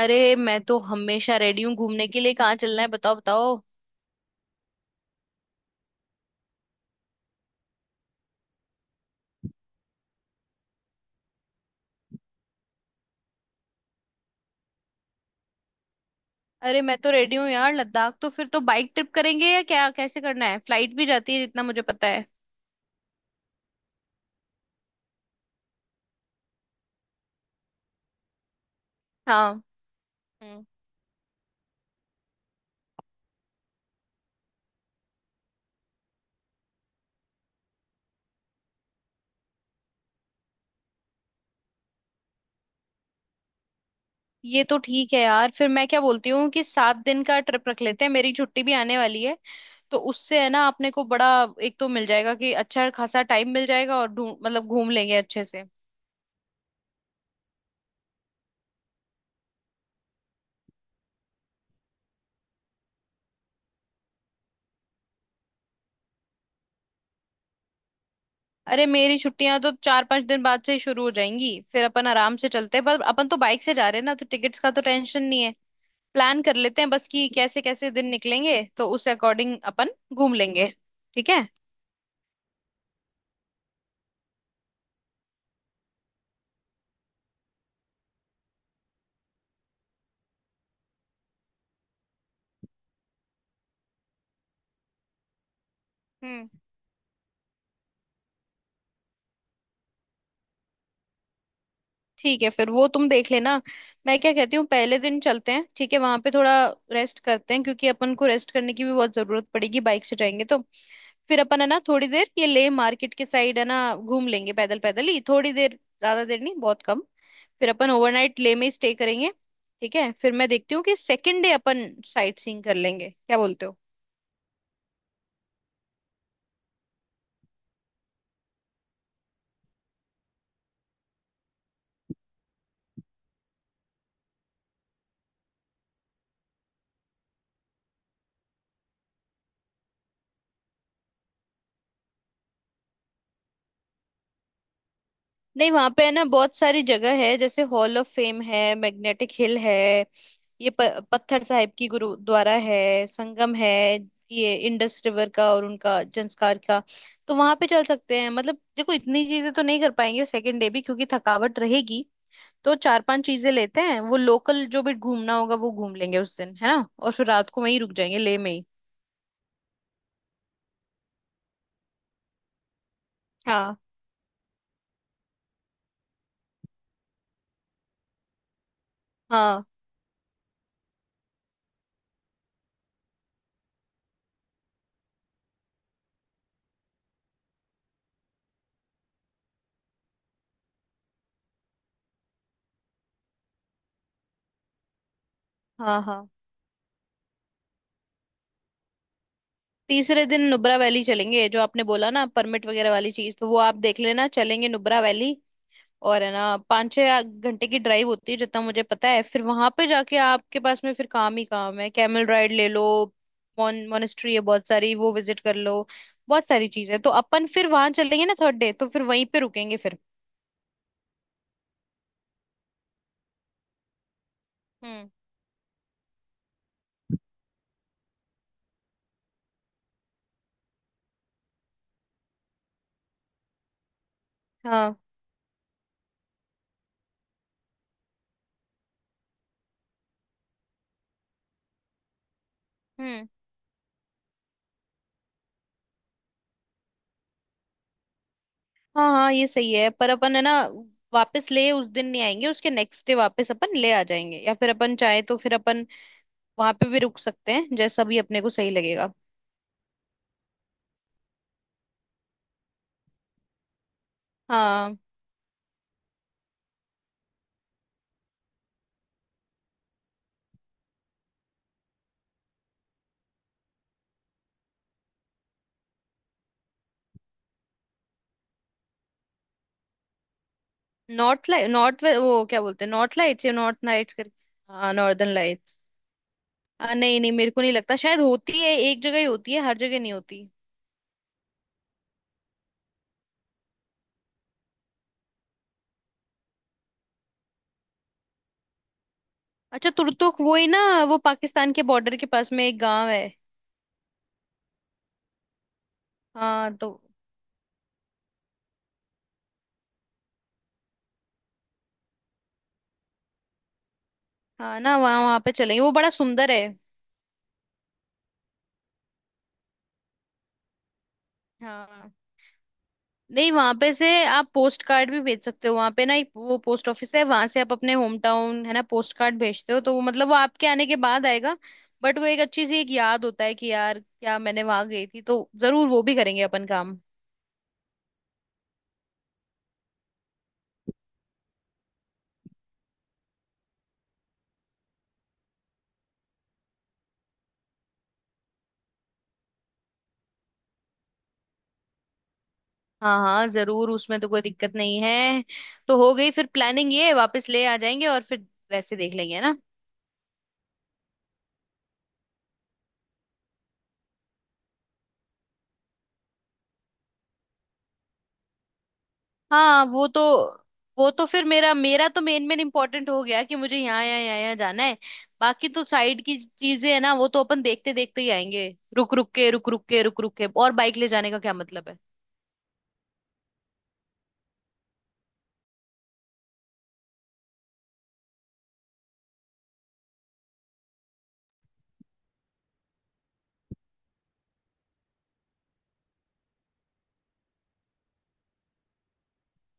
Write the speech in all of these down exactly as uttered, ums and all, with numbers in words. अरे मैं तो हमेशा रेडी हूँ घूमने के लिए। कहाँ चलना है, बताओ बताओ। अरे मैं तो रेडी हूँ यार। लद्दाख तो फिर तो बाइक ट्रिप करेंगे या क्या, कैसे करना है? फ्लाइट भी जाती है जितना मुझे पता है। हाँ। हम्म। ये तो ठीक है यार। फिर मैं क्या बोलती हूँ कि सात दिन का ट्रिप रख लेते हैं, मेरी छुट्टी भी आने वाली है। तो उससे है ना अपने को बड़ा एक तो मिल जाएगा कि अच्छा खासा टाइम मिल जाएगा, और ढूंढ मतलब घूम लेंगे अच्छे से। अरे मेरी छुट्टियां तो चार पांच दिन बाद से ही शुरू हो जाएंगी। फिर अपन आराम से चलते हैं, पर अपन तो बाइक से जा रहे हैं ना तो टिकट्स का तो टेंशन नहीं। प्लान कर लेते हैं बस कि कैसे कैसे दिन निकलेंगे तो उस अकॉर्डिंग अपन घूम लेंगे। ठीक है। हम्म। ठीक है फिर वो तुम देख लेना। मैं क्या कहती हूँ, पहले दिन चलते हैं, ठीक है, वहां पे थोड़ा रेस्ट करते हैं, क्योंकि अपन को रेस्ट करने की भी बहुत जरूरत पड़ेगी, बाइक से जाएंगे तो। फिर अपन है ना थोड़ी देर ये लेह मार्केट के साइड है ना घूम लेंगे पैदल पैदल ही, थोड़ी देर, ज्यादा देर नहीं, बहुत कम। फिर अपन ओवरनाइट लेह में स्टे करेंगे। ठीक है, फिर मैं देखती हूँ कि सेकेंड डे अपन साइट सीइंग कर लेंगे, क्या बोलते हो? नहीं, वहां पे है ना बहुत सारी जगह है। जैसे हॉल ऑफ फेम है, मैग्नेटिक हिल है, ये प, पत्थर साहिब की गुरुद्वारा है, संगम है, ये इंडस रिवर का और उनका संस्कार का। तो वहां पे चल सकते हैं मतलब। देखो, इतनी चीजें तो नहीं कर पाएंगे सेकंड डे भी, क्योंकि थकावट रहेगी। तो चार पांच चीजें लेते हैं, वो लोकल जो भी घूमना होगा वो घूम लेंगे उस दिन है ना। और फिर रात को वहीं रुक जाएंगे ले में ही। हाँ, हाँ, हाँ, हाँ। तीसरे दिन नुब्रा वैली चलेंगे। जो आपने बोला ना परमिट वगैरह वाली चीज, तो वो आप देख लेना। चलेंगे नुब्रा वैली। और है ना पाँच छह घंटे की ड्राइव होती है जितना मुझे पता है। फिर वहां पे जाके आपके पास में फिर काम ही काम है, कैमल राइड ले लो, मॉन मोनेस्ट्री है, बहुत सारी वो विजिट कर लो, बहुत सारी चीजें। तो अपन फिर वहां चलेंगे ना थर्ड डे, तो फिर वहीं पे रुकेंगे फिर। हम्म। हाँ। हम्म। हाँ, हाँ, ये सही है। पर अपन है ना वापस ले उस दिन नहीं आएंगे, उसके नेक्स्ट डे वापस अपन ले आ जाएंगे। या फिर अपन चाहे तो फिर अपन वहां पे भी रुक सकते हैं, जैसा भी अपने को सही लगेगा। हाँ। नॉर्थ लाइट, नॉर्थ, वो क्या बोलते हैं, नॉर्थ लाइट्स या नॉर्थ नाइट्स करके। हाँ, नॉर्दर्न लाइट्स। आ, नहीं नहीं, मेरे को नहीं लगता, शायद होती है एक जगह ही, होती है हर जगह नहीं होती। अच्छा, तुरतुक वो ही ना। वो पाकिस्तान के बॉर्डर के पास में एक गांव है। हाँ तो। हाँ ना, वहाँ वहाँ पे चलेंगे, वो बड़ा सुंदर है। हाँ। नहीं, वहां पे से आप पोस्ट कार्ड भी भेज सकते हो। वहां पे ना एक वो पोस्ट ऑफिस है, वहां से आप अपने होम टाउन है ना पोस्ट कार्ड भेजते हो, तो वो मतलब वो आपके आने के बाद आएगा। बट वो एक अच्छी सी एक याद होता है कि यार क्या मैंने वहां गई थी। तो जरूर वो भी करेंगे अपन काम। हाँ हाँ, जरूर, उसमें तो कोई दिक्कत नहीं है। तो हो गई फिर प्लानिंग, ये वापस ले आ जाएंगे और फिर वैसे देख लेंगे ना। हाँ, वो तो वो तो फिर मेरा मेरा तो मेन मेन इम्पोर्टेंट हो गया कि मुझे यहाँ यहाँ यहाँ यहाँ जाना है। बाकी तो साइड की चीजें है ना, वो तो अपन देखते देखते ही आएंगे, रुक रुक के रुक रुक के रुक रुक के। और बाइक ले जाने का क्या मतलब है।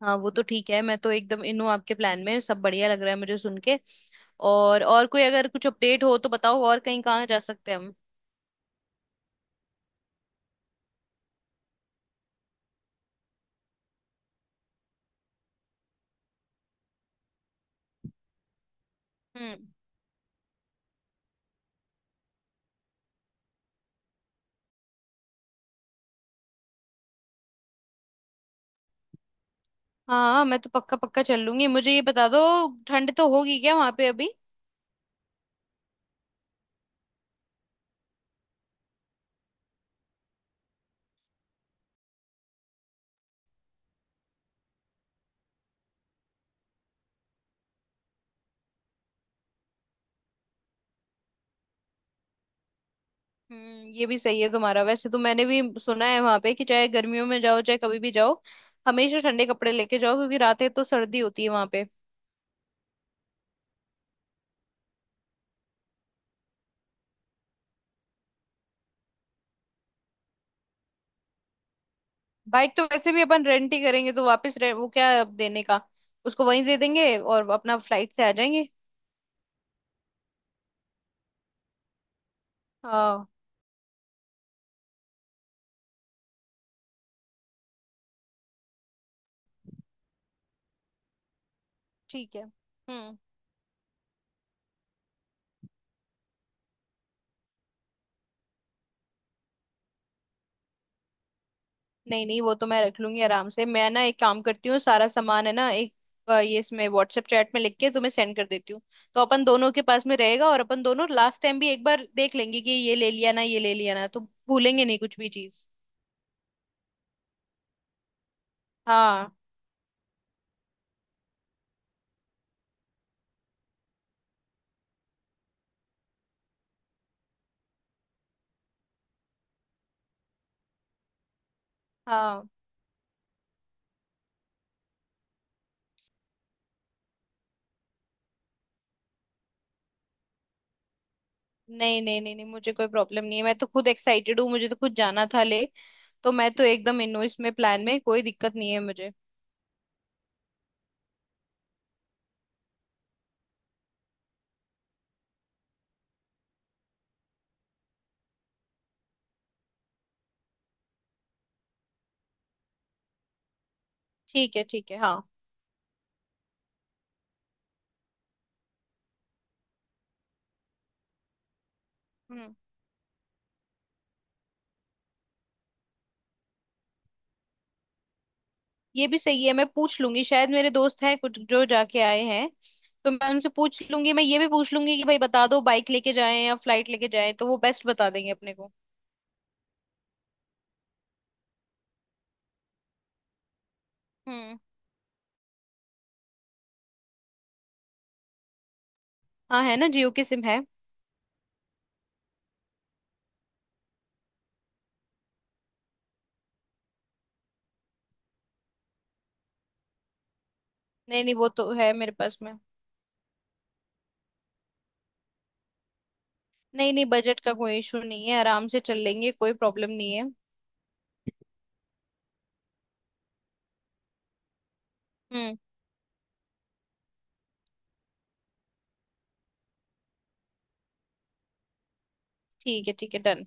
हाँ वो तो ठीक है, मैं तो एकदम इन हूँ आपके प्लान में, सब बढ़िया लग रहा है मुझे सुन के। और और कोई अगर कुछ अपडेट हो तो बताओ, और कहीं कहाँ जा सकते हैं हम। हम्म। हाँ, मैं तो पक्का पक्का चल लूंगी। मुझे ये बता दो, ठंड तो होगी क्या वहां पे अभी? हम्म, ये भी सही है तुम्हारा। वैसे तो मैंने भी सुना है वहां पे कि चाहे गर्मियों में जाओ चाहे कभी भी जाओ, हमेशा ठंडे कपड़े लेके जाओ, क्योंकि रातें तो सर्दी होती है वहां पे। बाइक तो वैसे भी अपन रेंट ही करेंगे, तो वापस रे- वो क्या है अब देने का। उसको वहीं दे देंगे और अपना फ्लाइट से आ जाएंगे। हाँ। ठीक है। हम्म। नहीं नहीं, वो तो मैं रख लूंगी आराम से। मैं ना एक काम करती हूँ, सारा सामान है ना एक, अ, ये इसमें व्हाट्सएप चैट में लिख के तुम्हें सेंड कर देती हूँ। तो अपन दोनों के पास में रहेगा, और अपन दोनों लास्ट टाइम भी एक बार देख लेंगे कि ये ले लिया ना ये ले लिया ना, तो भूलेंगे नहीं कुछ भी चीज। हाँ हाँ। नहीं नहीं नहीं नहीं, मुझे कोई प्रॉब्लम नहीं है। मैं तो खुद एक्साइटेड हूँ, मुझे तो खुद जाना था ले। तो मैं तो एकदम इन हूँ, इसमें प्लान में कोई दिक्कत नहीं है मुझे। ठीक है, ठीक है। हाँ। हम्म। ये भी सही है। मैं पूछ लूंगी, शायद मेरे दोस्त हैं कुछ जो जाके आए हैं। तो मैं उनसे पूछ लूंगी। मैं ये भी पूछ लूंगी कि भाई बता दो बाइक लेके जाएं या फ्लाइट लेके जाएं, तो वो बेस्ट बता देंगे अपने को। हम्म। हाँ, है ना, जियो की सिम है। नहीं नहीं, वो तो है मेरे पास में। नहीं नहीं, बजट का कोई इशू नहीं है। आराम से चल लेंगे, कोई प्रॉब्लम नहीं है। हम्म। ठीक है, ठीक है, डन।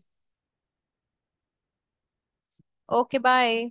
Okay, bye.